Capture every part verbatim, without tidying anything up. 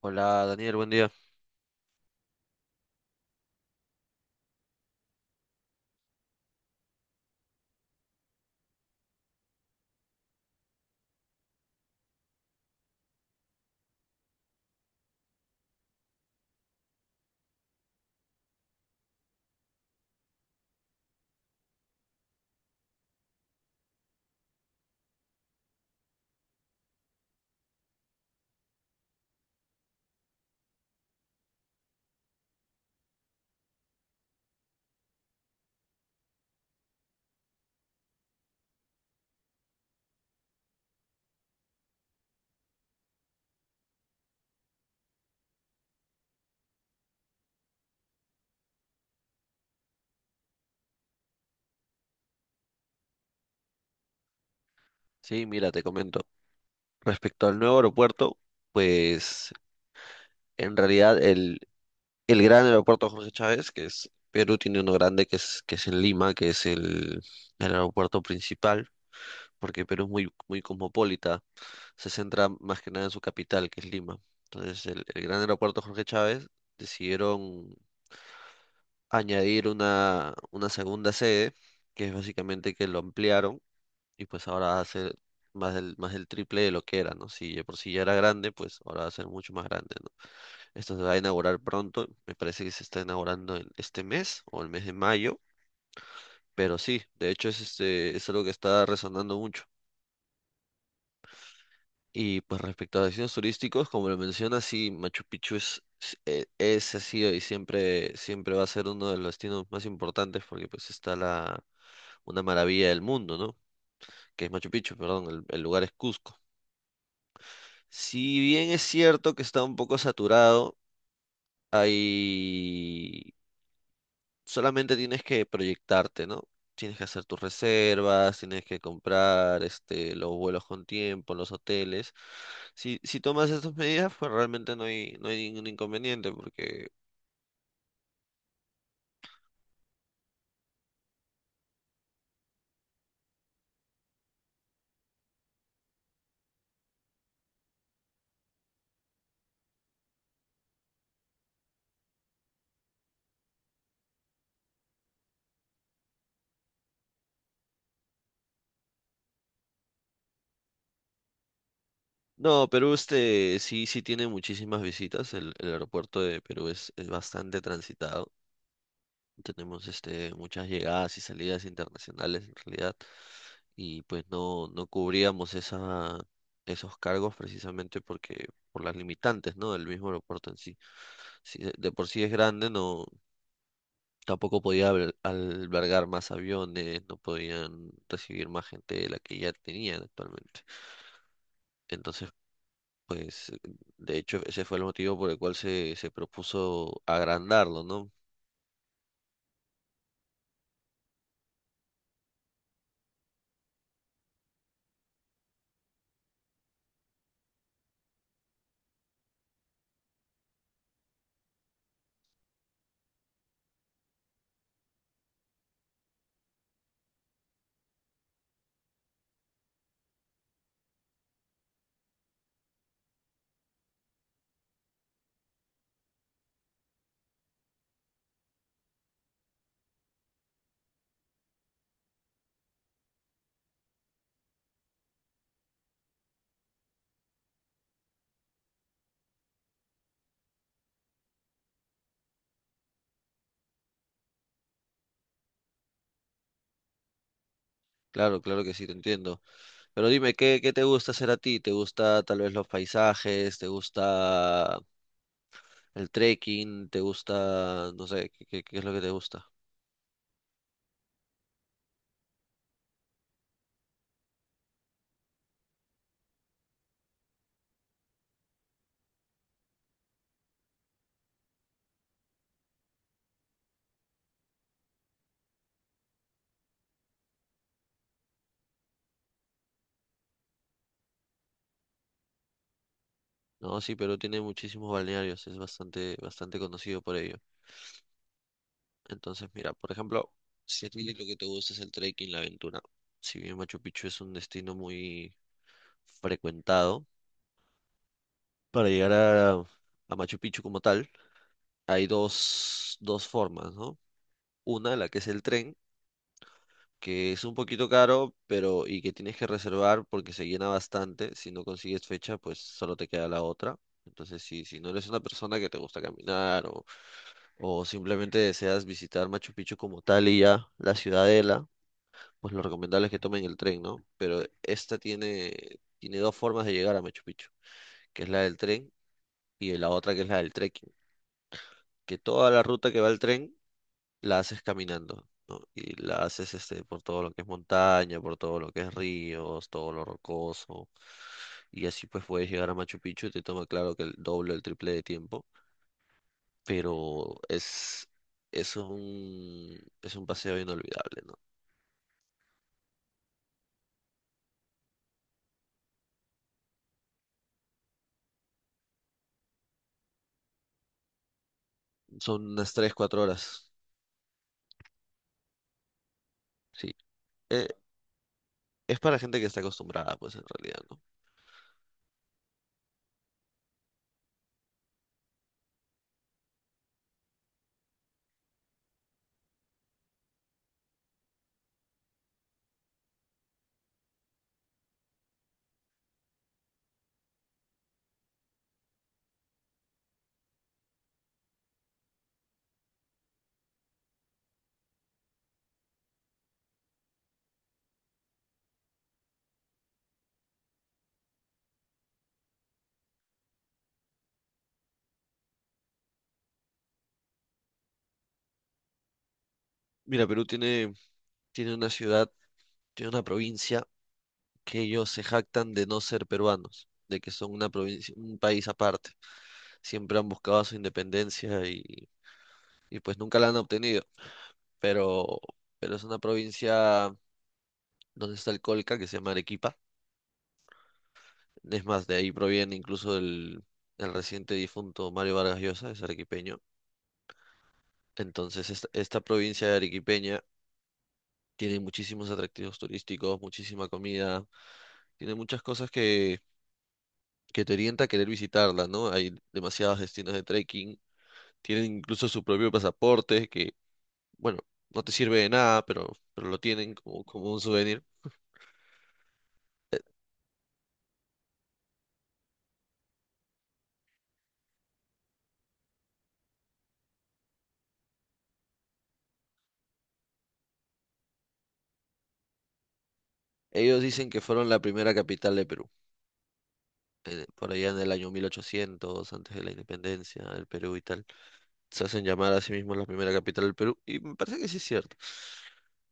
Hola Daniel, buen día. Sí, mira, te comento. Respecto al nuevo aeropuerto, pues en realidad el, el gran aeropuerto Jorge Chávez, que es Perú, tiene uno grande que es, que es en Lima, que es el, el aeropuerto principal, porque Perú es muy, muy cosmopolita, se centra más que nada en su capital, que es Lima. Entonces el, el gran aeropuerto Jorge Chávez decidieron añadir una, una segunda sede, que es básicamente que lo ampliaron y pues ahora va a ser más del, más del triple de lo que era, ¿no? Si de por sí ya era grande, pues ahora va a ser mucho más grande, ¿no? Esto se va a inaugurar pronto, me parece que se está inaugurando en este mes o el mes de mayo, pero sí, de hecho es, este, es algo que está resonando mucho. Y pues respecto a destinos turísticos, como lo mencionas, sí, Machu Picchu es, es, eh, es, ha sido y siempre, siempre va a ser uno de los destinos más importantes porque pues está la, una maravilla del mundo, ¿no? Que es Machu Picchu, perdón, el el lugar es Cusco. Si bien es cierto que está un poco saturado, hay solamente tienes que proyectarte, ¿no? Tienes que hacer tus reservas, tienes que comprar este, los vuelos con tiempo, los hoteles. Si, si tomas estas medidas, pues realmente no hay, no hay ningún inconveniente, porque... No, Perú este, sí, sí tiene muchísimas visitas, el, el aeropuerto de Perú es, es bastante transitado. Tenemos este, muchas llegadas y salidas internacionales en realidad y pues no, no cubríamos esa, esos cargos precisamente porque por las limitantes, ¿no? Del mismo aeropuerto en sí. Si de, de por sí es grande, no, tampoco podía alber- albergar más aviones, no podían recibir más gente de la que ya tenían actualmente. Entonces, pues, de hecho, ese fue el motivo por el cual se, se propuso agrandarlo, ¿no? Claro, claro que sí, te entiendo. Pero dime, ¿qué, qué te gusta hacer a ti? ¿Te gusta tal vez los paisajes? ¿Te gusta el trekking? ¿Te gusta, no sé, qué, qué- qué es lo que te gusta? No, sí, Perú tiene muchísimos balnearios, es bastante, bastante conocido por ello. Entonces, mira, por ejemplo, si a ti lo que te gusta es el trekking, la aventura, si bien Machu Picchu es un destino muy frecuentado, para llegar a, a Machu Picchu como tal, hay dos, dos formas, ¿no? Una, la que es el tren, que es un poquito caro, pero y que tienes que reservar porque se llena bastante. Si no consigues fecha, pues solo te queda la otra. Entonces, si, si no eres una persona que te gusta caminar o, o simplemente deseas visitar Machu Picchu como tal y ya la ciudadela, pues lo recomendable es que tomen el tren, ¿no? Pero esta tiene, tiene dos formas de llegar a Machu Picchu, que es la del tren y la otra que es la del trekking. Que toda la ruta que va el tren la haces caminando, ¿no? Y la haces este, por todo lo que es montaña, por todo lo que es ríos, todo lo rocoso. Y así pues puedes llegar a Machu Picchu y te toma claro que el doble o el triple de tiempo, pero es, es un, es un paseo inolvidable, ¿no? Son unas tres cuatro horas, sí. Eh, es para gente que está acostumbrada, pues en realidad, ¿no? Mira, Perú tiene, tiene una ciudad, tiene una provincia que ellos se jactan de no ser peruanos, de que son una provincia, un país aparte. Siempre han buscado su independencia y, y pues nunca la han obtenido. Pero, pero es una provincia donde está el Colca, que se llama Arequipa. Es más, de ahí proviene incluso el, el reciente difunto Mario Vargas Llosa, es arequipeño. Entonces, esta, esta provincia arequipeña tiene muchísimos atractivos turísticos, muchísima comida, tiene muchas cosas que, que te orienta a querer visitarla, ¿no? Hay demasiados destinos de trekking. Tienen incluso su propio pasaporte, bueno, no te sirve de nada, pero, pero lo tienen como, como un souvenir. E, Ellos dicen que fueron la primera capital de Perú, eh, por allá en el año mil ochocientos antes de la independencia del Perú y tal. Se hacen llamar a sí mismos la primera capital del Perú y me parece que sí es cierto.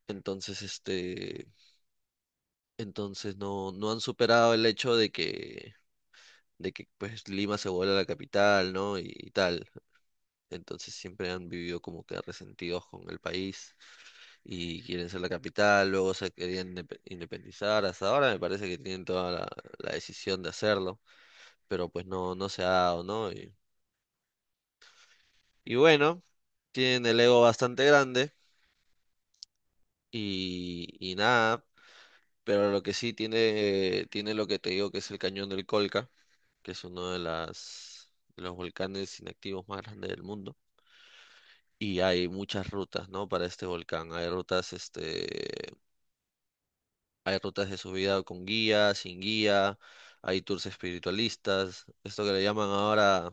Entonces, este, entonces no, no han superado el hecho de que, de que, pues Lima se vuelve la capital, ¿no? Y, y tal. Entonces siempre han vivido como que resentidos con el país y quieren ser la capital, luego se querían indepe- independizar, hasta ahora me parece que tienen toda la, la decisión de hacerlo, pero pues no, no se ha dado, ¿no? Y, y bueno, tienen el ego bastante grande y, y nada, pero lo que sí tiene, tiene lo que te digo que es el cañón del Colca, que es uno de las, de los volcanes inactivos más grandes del mundo. Y hay muchas rutas, ¿no? Para este volcán. Hay rutas, este, Hay rutas de subida con guía, sin guía, hay tours espiritualistas, esto que le llaman ahora,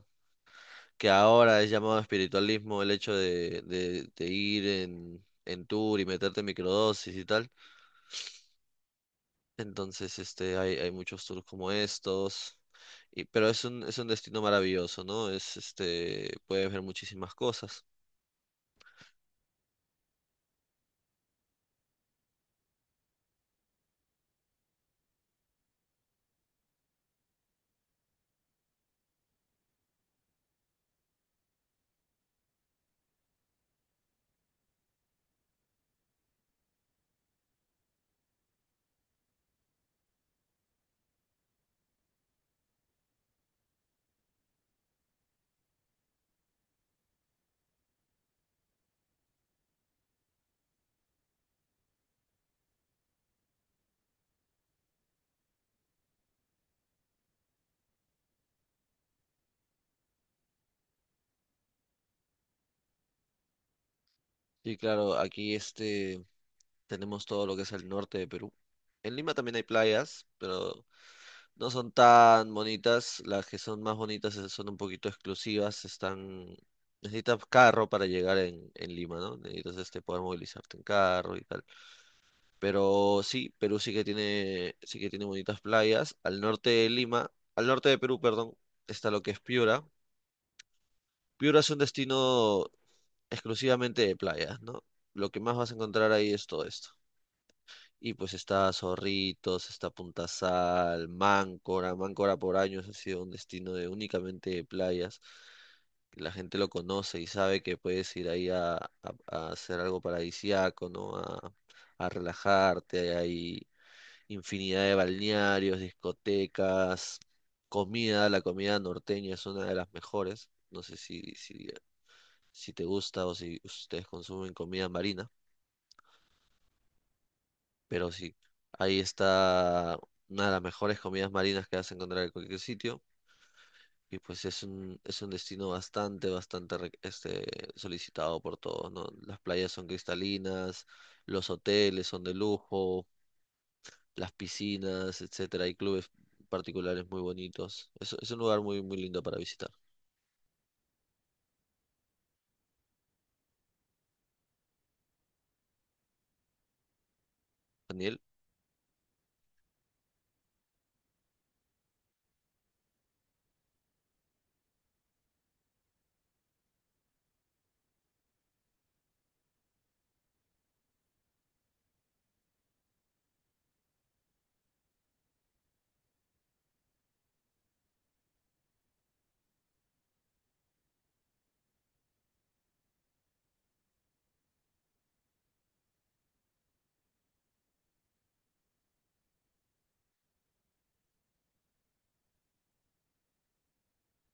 que ahora es llamado espiritualismo, el hecho de, de- de ir en, en tour y meterte microdosis y tal. Entonces, este, hay, hay muchos tours como estos, y, pero es un, es un destino maravilloso, ¿no? Es, este, puedes ver muchísimas cosas. Y claro, aquí este tenemos todo lo que es el norte de Perú. En Lima también hay playas, pero no son tan bonitas. Las que son más bonitas eh, son un poquito exclusivas. Están... Necesitas carro para llegar en, en Lima, ¿no? Necesitas este, poder movilizarte en carro y tal. Pero sí, Perú sí que tiene, sí que tiene bonitas playas. Al norte de Lima, al norte de Perú, perdón, está lo que es Piura. Piura es un destino exclusivamente de playas, ¿no? Lo que más vas a encontrar ahí es todo esto. Y pues está Zorritos, está Punta Puntasal, Máncora. Máncora por años ha sido un destino de únicamente de playas. La gente lo conoce y sabe que puedes ir ahí a, a- a hacer algo paradisíaco, ¿no? A, a relajarte. Hay infinidad de balnearios, discotecas, comida. La comida norteña es una de las mejores. No sé si, si, si te gusta o si ustedes consumen comida marina. Pero sí, ahí está una de las mejores comidas marinas que vas a encontrar en cualquier sitio. Y pues es un, es un destino bastante, bastante re- este, solicitado por todos, ¿no? Las playas son cristalinas, los hoteles son de lujo, las piscinas, etcétera. Hay clubes particulares muy bonitos. Es, es un lugar muy, muy lindo para visitar. Daniel.